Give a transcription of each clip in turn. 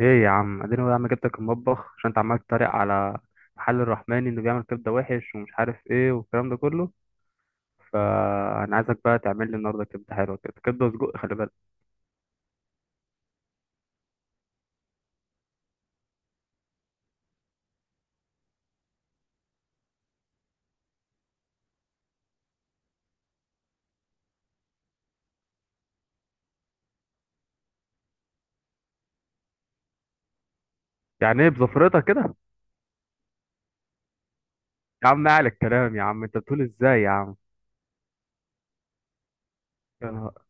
ايه يا عم، اديني يا عم، جبتك المطبخ عشان انت عمال تتريق على محل الرحماني انه بيعمل كبده وحش ومش عارف ايه والكلام ده كله. فانا عايزك بقى تعمل لي النهارده كبده حلوه كده، كبده وسجق. خلي بالك. يعني ايه بزفرتك كده؟ يا عم اعلى الكلام، يا عم انت بتقول ازاي يا عم؟ يا نهار!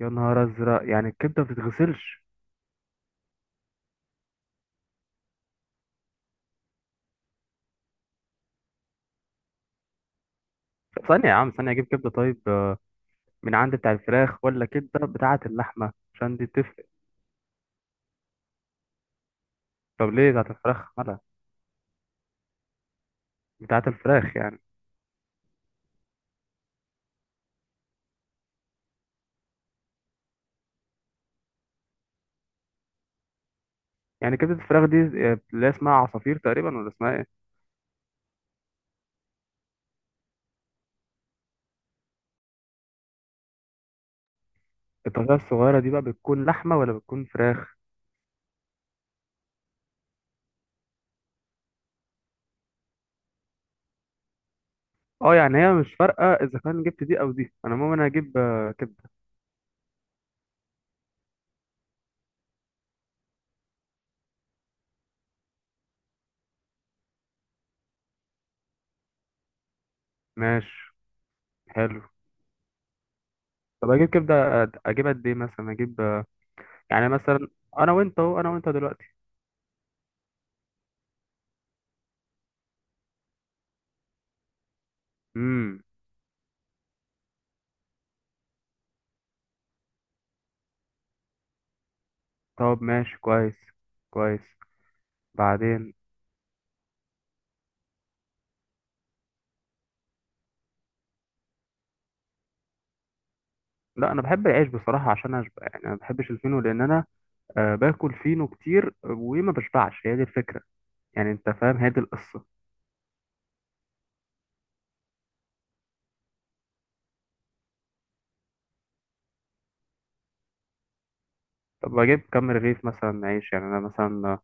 يا نهار ازرق! يعني الكبده ما بتتغسلش؟ ثانيه يا عم، ثانيه. اجيب كبده، طيب، من عند بتاع الفراخ ولا كبده بتاعه اللحمه؟ عشان دي بتفرق. طب ليه بتاعه الفراخ مالها؟ بتاعه الفراخ يعني؟ يعني كبده الفراخ دي اللي اسمها عصافير تقريبا، ولا اسمها ايه؟ الطاسة الصغيرة دي بقى بتكون لحمة ولا بتكون فراخ؟ اه، يعني هي مش فارقة اذا كان جبت دي او دي. انا المهم انا اجيب كبدة. ماشي. حلو. طب اجيب كبدة، اجيب قد ايه؟ مثلا اجيب، يعني مثلا، انا وانت اهو، انا وانت دلوقتي. امم. طب ماشي، كويس كويس. بعدين. لا، انا بحب العيش بصراحة عشان اشبع. يعني انا ما بحبش الفينو لان انا باكل فينو كتير وما بشبعش. هي دي الفكرة. يعني انت فاهم، هي دي القصة. طب اجيب كام رغيف مثلا عيش؟ يعني انا مثلا،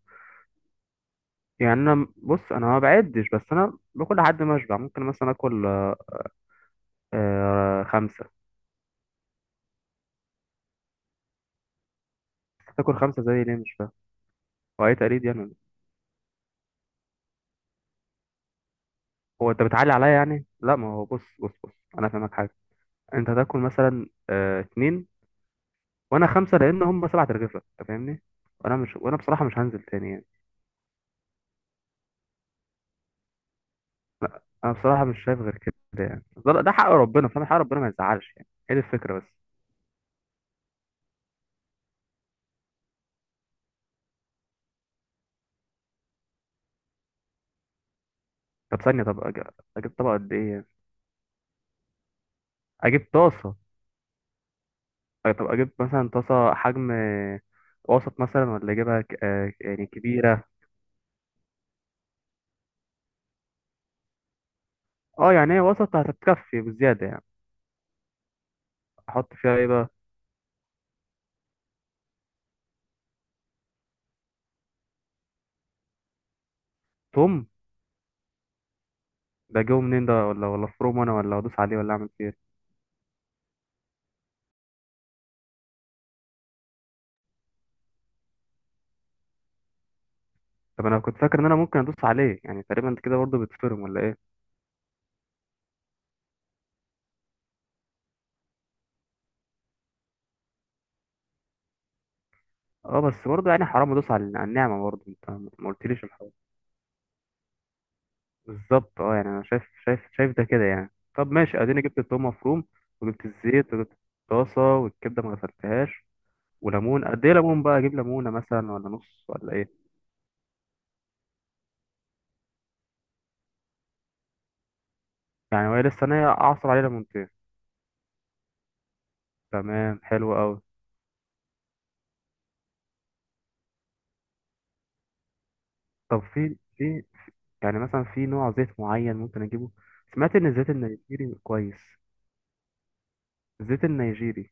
يعني انا بص، انا ما بعدش، بس انا باكل لحد ما اشبع. ممكن مثلا اكل خمسه. تاكل خمسه زي ليه؟ مش فاهم. هو ايه، تقليد يعني ولا إيه؟ هو انت بتعلي عليا يعني؟ لا، ما هو بص بص بص، انا فاهمك حاجه. انت تاكل مثلا اتنين وانا خمسه، لان هم سبعة رغيفه، انت فاهمني. وانا بصراحه مش هنزل تاني يعني. انا بصراحه مش شايف غير كده. يعني ده حق ربنا، فاهم؟ حق ربنا ما يزعلش يعني. هي دي الفكره بس. طب ثانيه، اجيب طبق قد ايه يعني؟ اجيب طاسه. طب اجيب مثلا طاسه حجم وسط مثلا، ولا اجيبها ك... آه، يعني كبيره؟ اه، يعني هي وسط هتتكفي بزياده يعني. احط فيها ايه بقى؟ توم؟ ده جوه منين ده، ولا فروم انا، ولا ادوس عليه، ولا اعمل فيه إيه؟ طب انا كنت فاكر ان انا ممكن ادوس عليه، يعني تقريبا انت كده برضه بتفرم ولا ايه؟ اه بس برضه يعني حرام ادوس على النعمه، برضه انت. ما قلتليش الحوار. بالظبط، اه يعني انا شايف شايف شايف ده كده يعني. طب ماشي، اديني جبت التوم مفروم. وجبت الزيت، وجبت الطاسه والكبده ما غسلتهاش. وليمون قد ايه؟ ليمون بقى اجيب ليمونه مثلا ولا نص ولا ايه؟ يعني وهي لسه نيه اعصر عليه ليمونتين؟ تمام، حلو قوي. طب في، يعني مثلا في نوع زيت معين ممكن اجيبه؟ سمعت ان الزيت النيجيري كويس. الزيت النيجيري.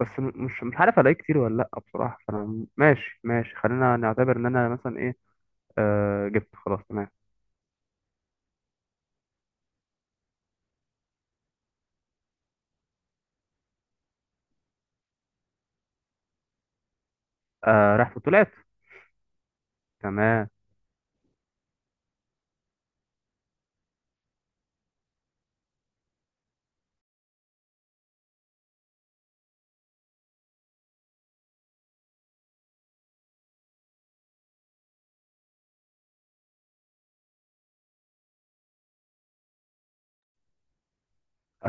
بس مش عارف الاقيه كتير ولا لا، بصراحه فانا ماشي ماشي، خلينا نعتبر ان انا مثلا ايه، جبت خلاص، تمام. رحت طلعت. تمام.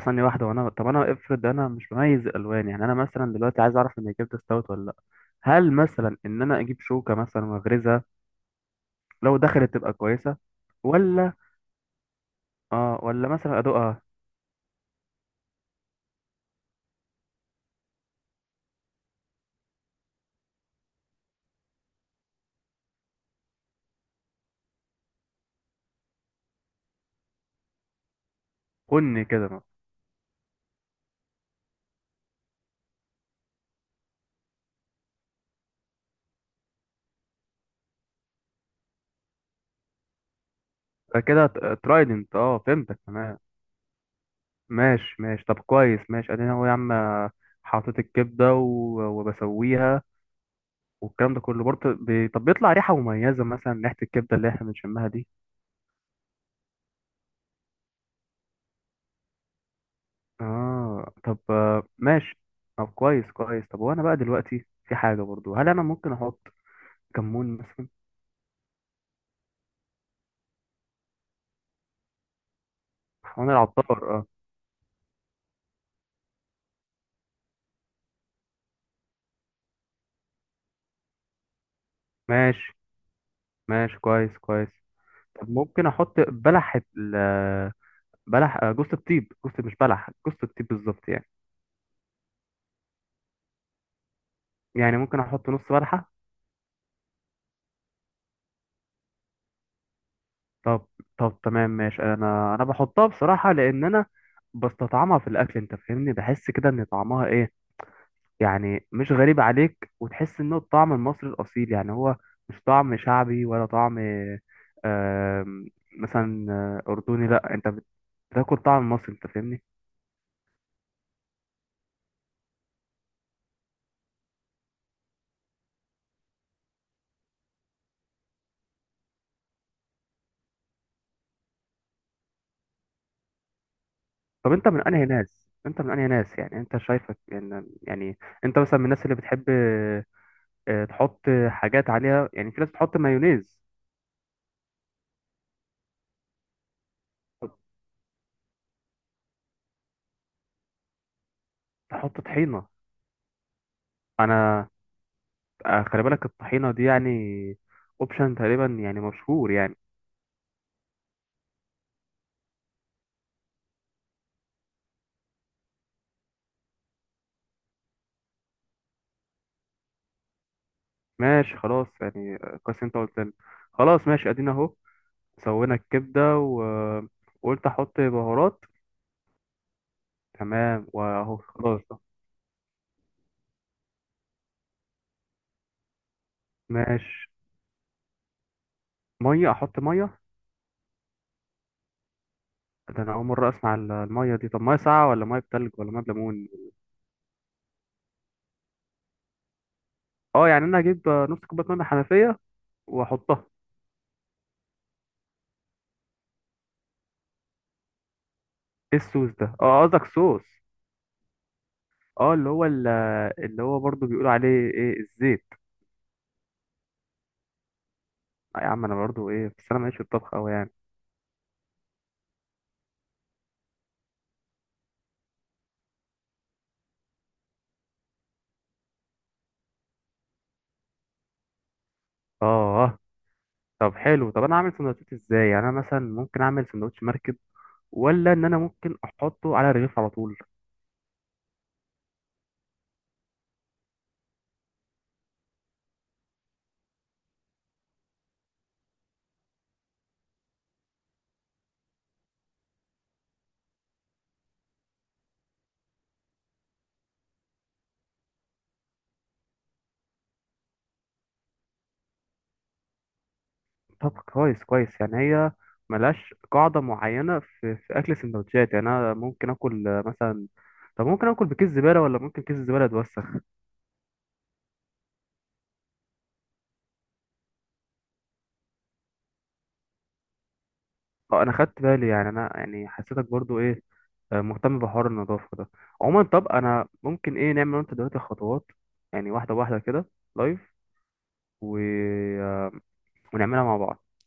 ثانية واحدة، طب انا افرض انا مش بميز الالوان، يعني انا مثلا دلوقتي عايز اعرف ان الجبنة استوت ولا لا. هل مثلا ان انا اجيب شوكة مثلا واغرزها؟ لو دخلت تبقى كويسة. ولا؟ اه، ولا مثلا ادوقها؟ بن كده مثلا. فكده ترايدنت، اه فهمتك تمام. ماشي ماشي، طب كويس، ماشي ادينا اهو يا عم. حطيت الكبدة وبسويها، والكلام ده كله برضه طب بيطلع ريحة مميزة مثلا، ريحة الكبدة اللي احنا بنشمها دي؟ اه، طب ماشي. طب كويس كويس، طب وانا بقى دلوقتي في حاجه برضو، هل انا ممكن احط كمون مثلا؟ حيوان العطار، اه. ماشي ماشي، كويس كويس. طب ممكن احط بلح، جوز الطيب، جوز مش بلح، جوز الطيب بالظبط يعني. يعني ممكن احط نص بلحه؟ طب طب تمام، ماشي، انا بحطها بصراحه لان انا بستطعمها في الاكل انت فاهمني، بحس كده ان طعمها ايه. يعني مش غريب عليك، وتحس انه الطعم المصري الاصيل يعني. هو مش طعم شعبي ولا طعم آم، مثلا اردني. لا، انت بتاكل طعم مصري انت فاهمني. طب انت من انهي ناس، يعني انت شايفك يعني, يعني انت مثلا من الناس اللي بتحب تحط حاجات عليها، يعني في ناس بتحط مايونيز. تحط طحينة؟ انا خلي بالك الطحينة دي يعني اوبشن تقريبا، يعني مشهور يعني. ماشي خلاص، يعني كويس انت قلت لي. خلاص ماشي ادينا اهو. سوينا الكبده وقلت احط بهارات. تمام واهو خلاص. ماشي. ميه؟ احط ميه؟ ده انا اول مره اسمع الميه دي. طب ميه ساقعه ولا ميه بتلج ولا ميه بليمون؟ اه، يعني انا اجيب نص كوبايه ميه من الحنفيه واحطها. ايه الصوص ده؟ اه قصدك صوص. اه، اللي هو برضو بيقولوا عليه، ايه، الزيت. يا عم انا برضو ايه، بس انا ماليش في الطبخ قوي يعني. اه طب حلو. طب انا اعمل سندوتشات ازاي؟ يعني انا مثلا ممكن اعمل سندوتش مركب، ولا ان انا ممكن احطه على الرغيف على طول؟ طب كويس كويس، يعني هي ملهاش قاعدة معينة في اكل السندوتشات. يعني انا ممكن اكل مثلا، طب ممكن اكل بكيس زبالة ولا ممكن كيس الزبالة يتوسخ؟ اه، انا خدت بالي. يعني انا يعني حسيتك برضو ايه، مهتم بحوار النظافة ده. عموما، طب انا ممكن ايه، نعمل انت دلوقتي خطوات، يعني واحدة واحدة كده، لايف و... آه، ونعملها مع بعض.